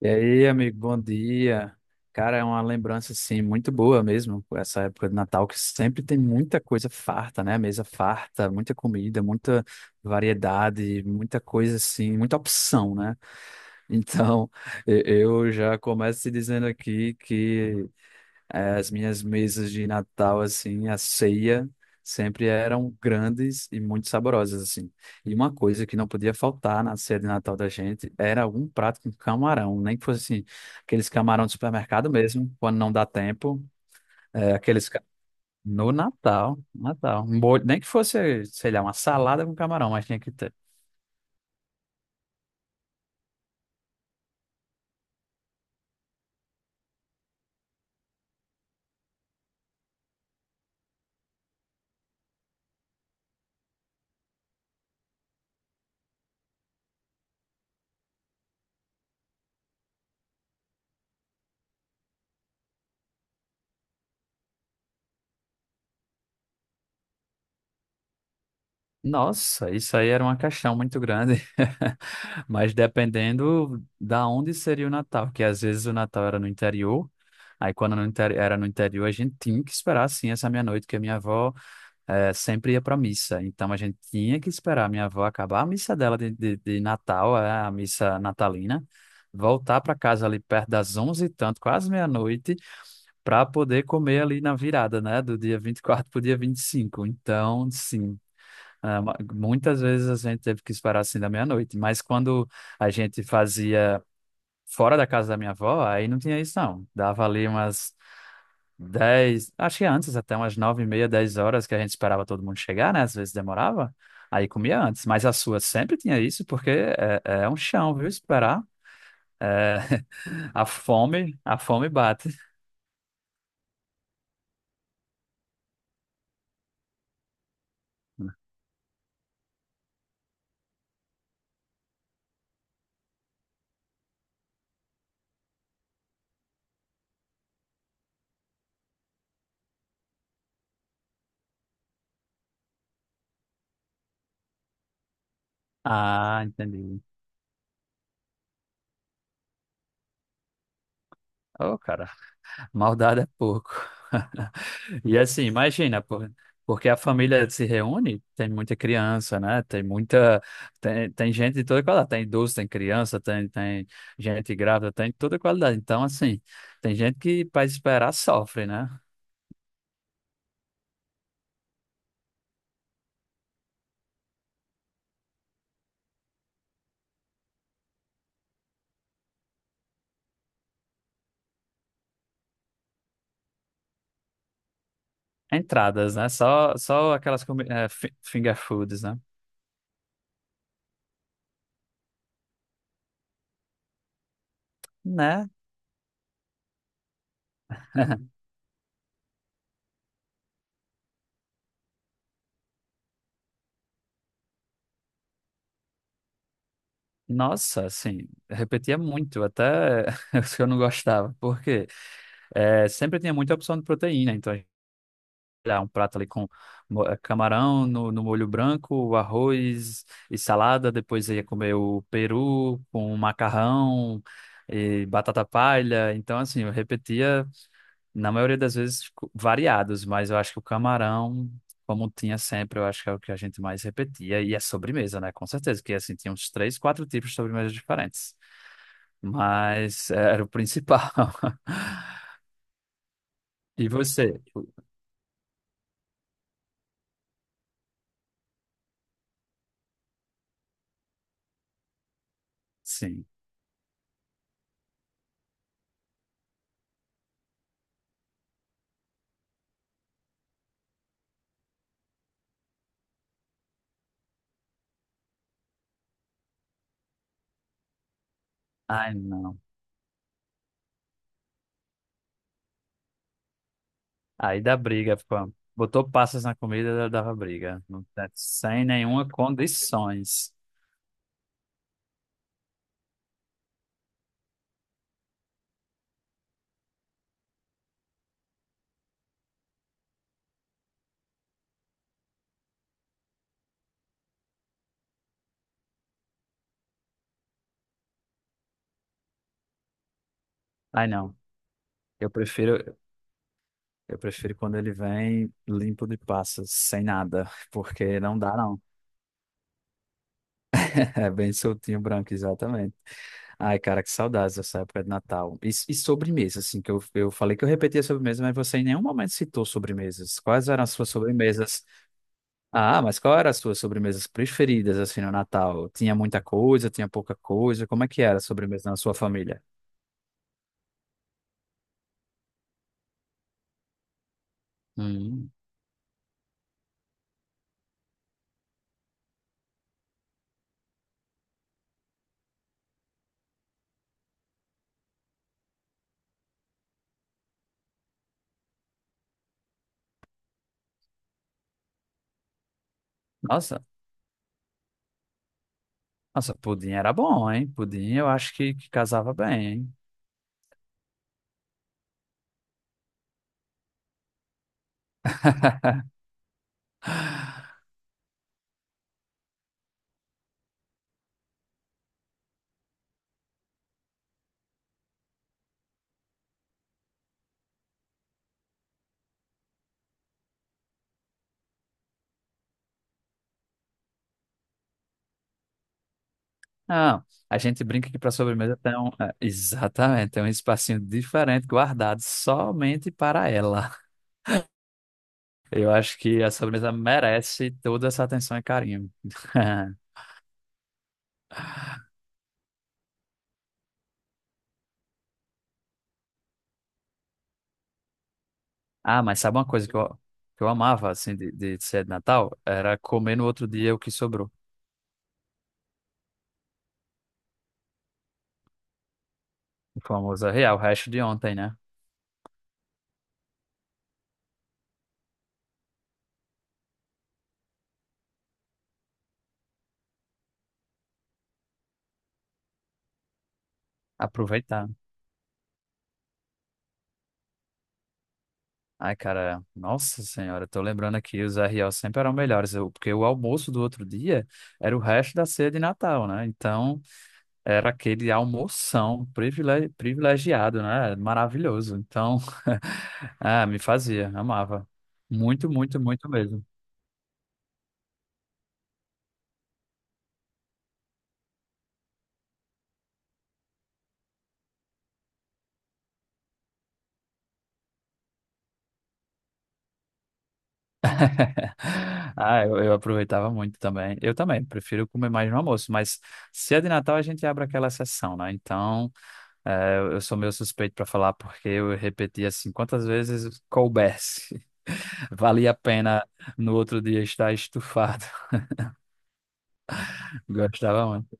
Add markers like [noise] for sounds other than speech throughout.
E aí, amigo, bom dia. Cara, é uma lembrança assim muito boa mesmo, essa época de Natal que sempre tem muita coisa farta, né? Mesa farta, muita comida, muita variedade, muita coisa assim, muita opção, né? [laughs] Então, eu já começo te dizendo aqui que as minhas mesas de Natal, assim, a ceia, sempre eram grandes e muito saborosas, assim. E uma coisa que não podia faltar na ceia de Natal da gente era algum prato com camarão, nem que fosse, assim, aqueles camarão de supermercado mesmo, quando não dá tempo, é, aqueles... ca- no Natal, Natal, um molho, nem que fosse, sei lá, uma salada com camarão, mas tinha que ter. Nossa, isso aí era uma caixão muito grande. [laughs] Mas dependendo da onde seria o Natal, porque às vezes o Natal era no interior. Aí quando no interi- era no interior, a gente tinha que esperar sim essa meia-noite, porque a minha avó sempre ia para missa. Então a gente tinha que esperar a minha avó acabar a missa dela de Natal, a missa natalina, voltar para casa ali perto das onze e tanto, quase meia-noite, para poder comer ali na virada, né, do dia 24 para o dia 25. Então, sim. Muitas vezes a gente teve que esperar assim da meia-noite, mas quando a gente fazia fora da casa da minha avó, aí não tinha isso não. Dava ali umas 10 acho que antes até umas 9 e meia, 10 horas que a gente esperava todo mundo chegar, né? Às vezes demorava, aí comia antes. Mas a sua sempre tinha isso, porque é um chão, viu? Esperar. É, [laughs] a fome bate. Ah, entendi. Ô, cara. Maldade é pouco. [laughs] E assim, imagina, pô, porque a família se reúne, tem muita criança, né? Tem muita. Tem gente de toda qualidade. Tem idoso, tem criança, tem gente grávida, tem toda qualidade. Então, assim, tem gente que, para esperar, sofre, né? Entradas, né? Só aquelas finger foods, né? Né? [laughs] Nossa, assim, repetia muito, até [laughs] os que eu não gostava. Porque quê? É, sempre tinha muita opção de proteína, então lá, um prato ali com camarão no molho branco, arroz e salada. Depois eu ia comer o peru com macarrão e batata palha. Então, assim, eu repetia, na maioria das vezes, variados, mas eu acho que o camarão. Como tinha sempre, eu acho que é o que a gente mais repetia. E a sobremesa, né? Com certeza, que assim, tinha uns três, quatro tipos de sobremesas diferentes. Mas era o principal. [laughs] E você? Sim. Ai, não. Aí dá briga, pô. Botou passas na comida, dava briga. Não tá- Sem nenhuma condições. Ai, não. Eu prefiro, eu prefiro quando ele vem limpo de passas, sem nada, [laughs] porque não dá, não. [laughs] É bem soltinho, branco, exatamente. Ai, cara, que saudades dessa época de Natal. E sobremesa, assim, que eu falei que eu repetia sobremesa, mas você em nenhum momento citou sobremesas. Quais eram as suas sobremesas. Ah, mas qual era as suas sobremesas preferidas assim no Natal? Tinha muita coisa, tinha pouca coisa? Como é que era a sobremesa na sua família? Hum, nossa, nossa, pudim era bom, hein? Pudim eu acho que casava bem, hein? Não, a gente brinca que para sobremesa tem um, é, exatamente, tem um espacinho diferente guardado somente para ela. Eu acho que a sobremesa merece toda essa atenção e carinho. [laughs] Ah, mas sabe uma coisa que eu amava assim de ser de Natal? Era comer no outro dia o que sobrou. Famosa real, o resto de ontem, né? Aproveitar. Ai, cara, nossa senhora, eu tô lembrando aqui, os R.O. sempre eram melhores, porque o almoço do outro dia era o resto da ceia de Natal, né? Então, era aquele privilegiado, né? Maravilhoso. Então, [laughs] ah, me fazia, amava. Muito, muito, muito mesmo. [laughs] Ah, eu aproveitava muito também. Eu também, prefiro comer mais no almoço, mas ceia de Natal a gente abre aquela exceção, né? Então. É, eu sou meio suspeito para falar porque eu repeti assim quantas vezes coubesse. [laughs] Valia a pena no outro dia estar estufado. [laughs] Gostava muito.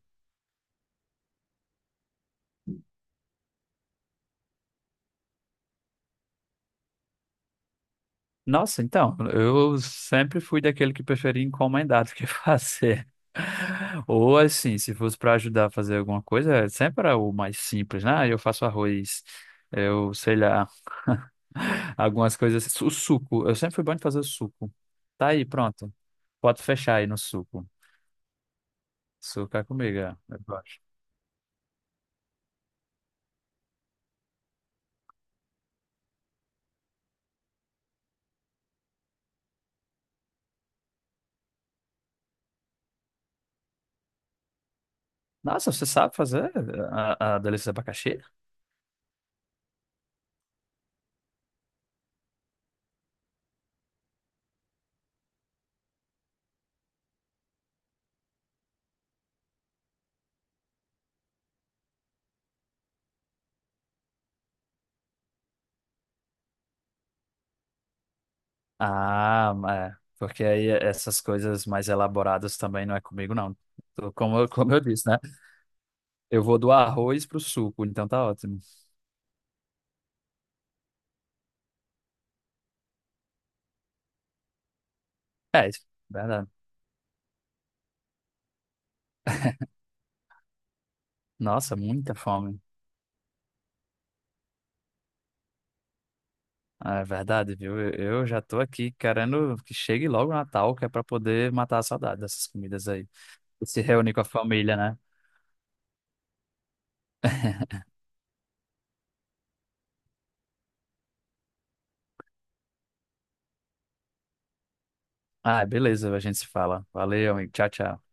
Nossa, então, eu sempre fui daquele que preferia encomendar do que [laughs] fazer. Ou assim, se fosse para ajudar a fazer alguma coisa, sempre era o mais simples, né? Ah, eu faço arroz, eu sei lá, [laughs] algumas coisas. O suco, eu sempre fui bom de fazer o suco. Tá aí, pronto. Pode fechar aí no suco. Açúcar comigo, é, eu gosto. Nossa, você sabe fazer a delícia de abacaxi? Ah, é. Porque aí essas coisas mais elaboradas também não é comigo, não. Tô- [laughs] como eu disse, né? Eu vou do arroz pro suco, então tá ótimo. É, isso, verdade. Nossa, muita fome. Ah, é verdade, viu? Eu já tô aqui querendo que chegue logo o Natal, que é pra poder matar a saudade dessas comidas aí. E se reunir com a família, né? [laughs] Ah, beleza, a gente se fala. Valeu, amigo. Tchau, tchau.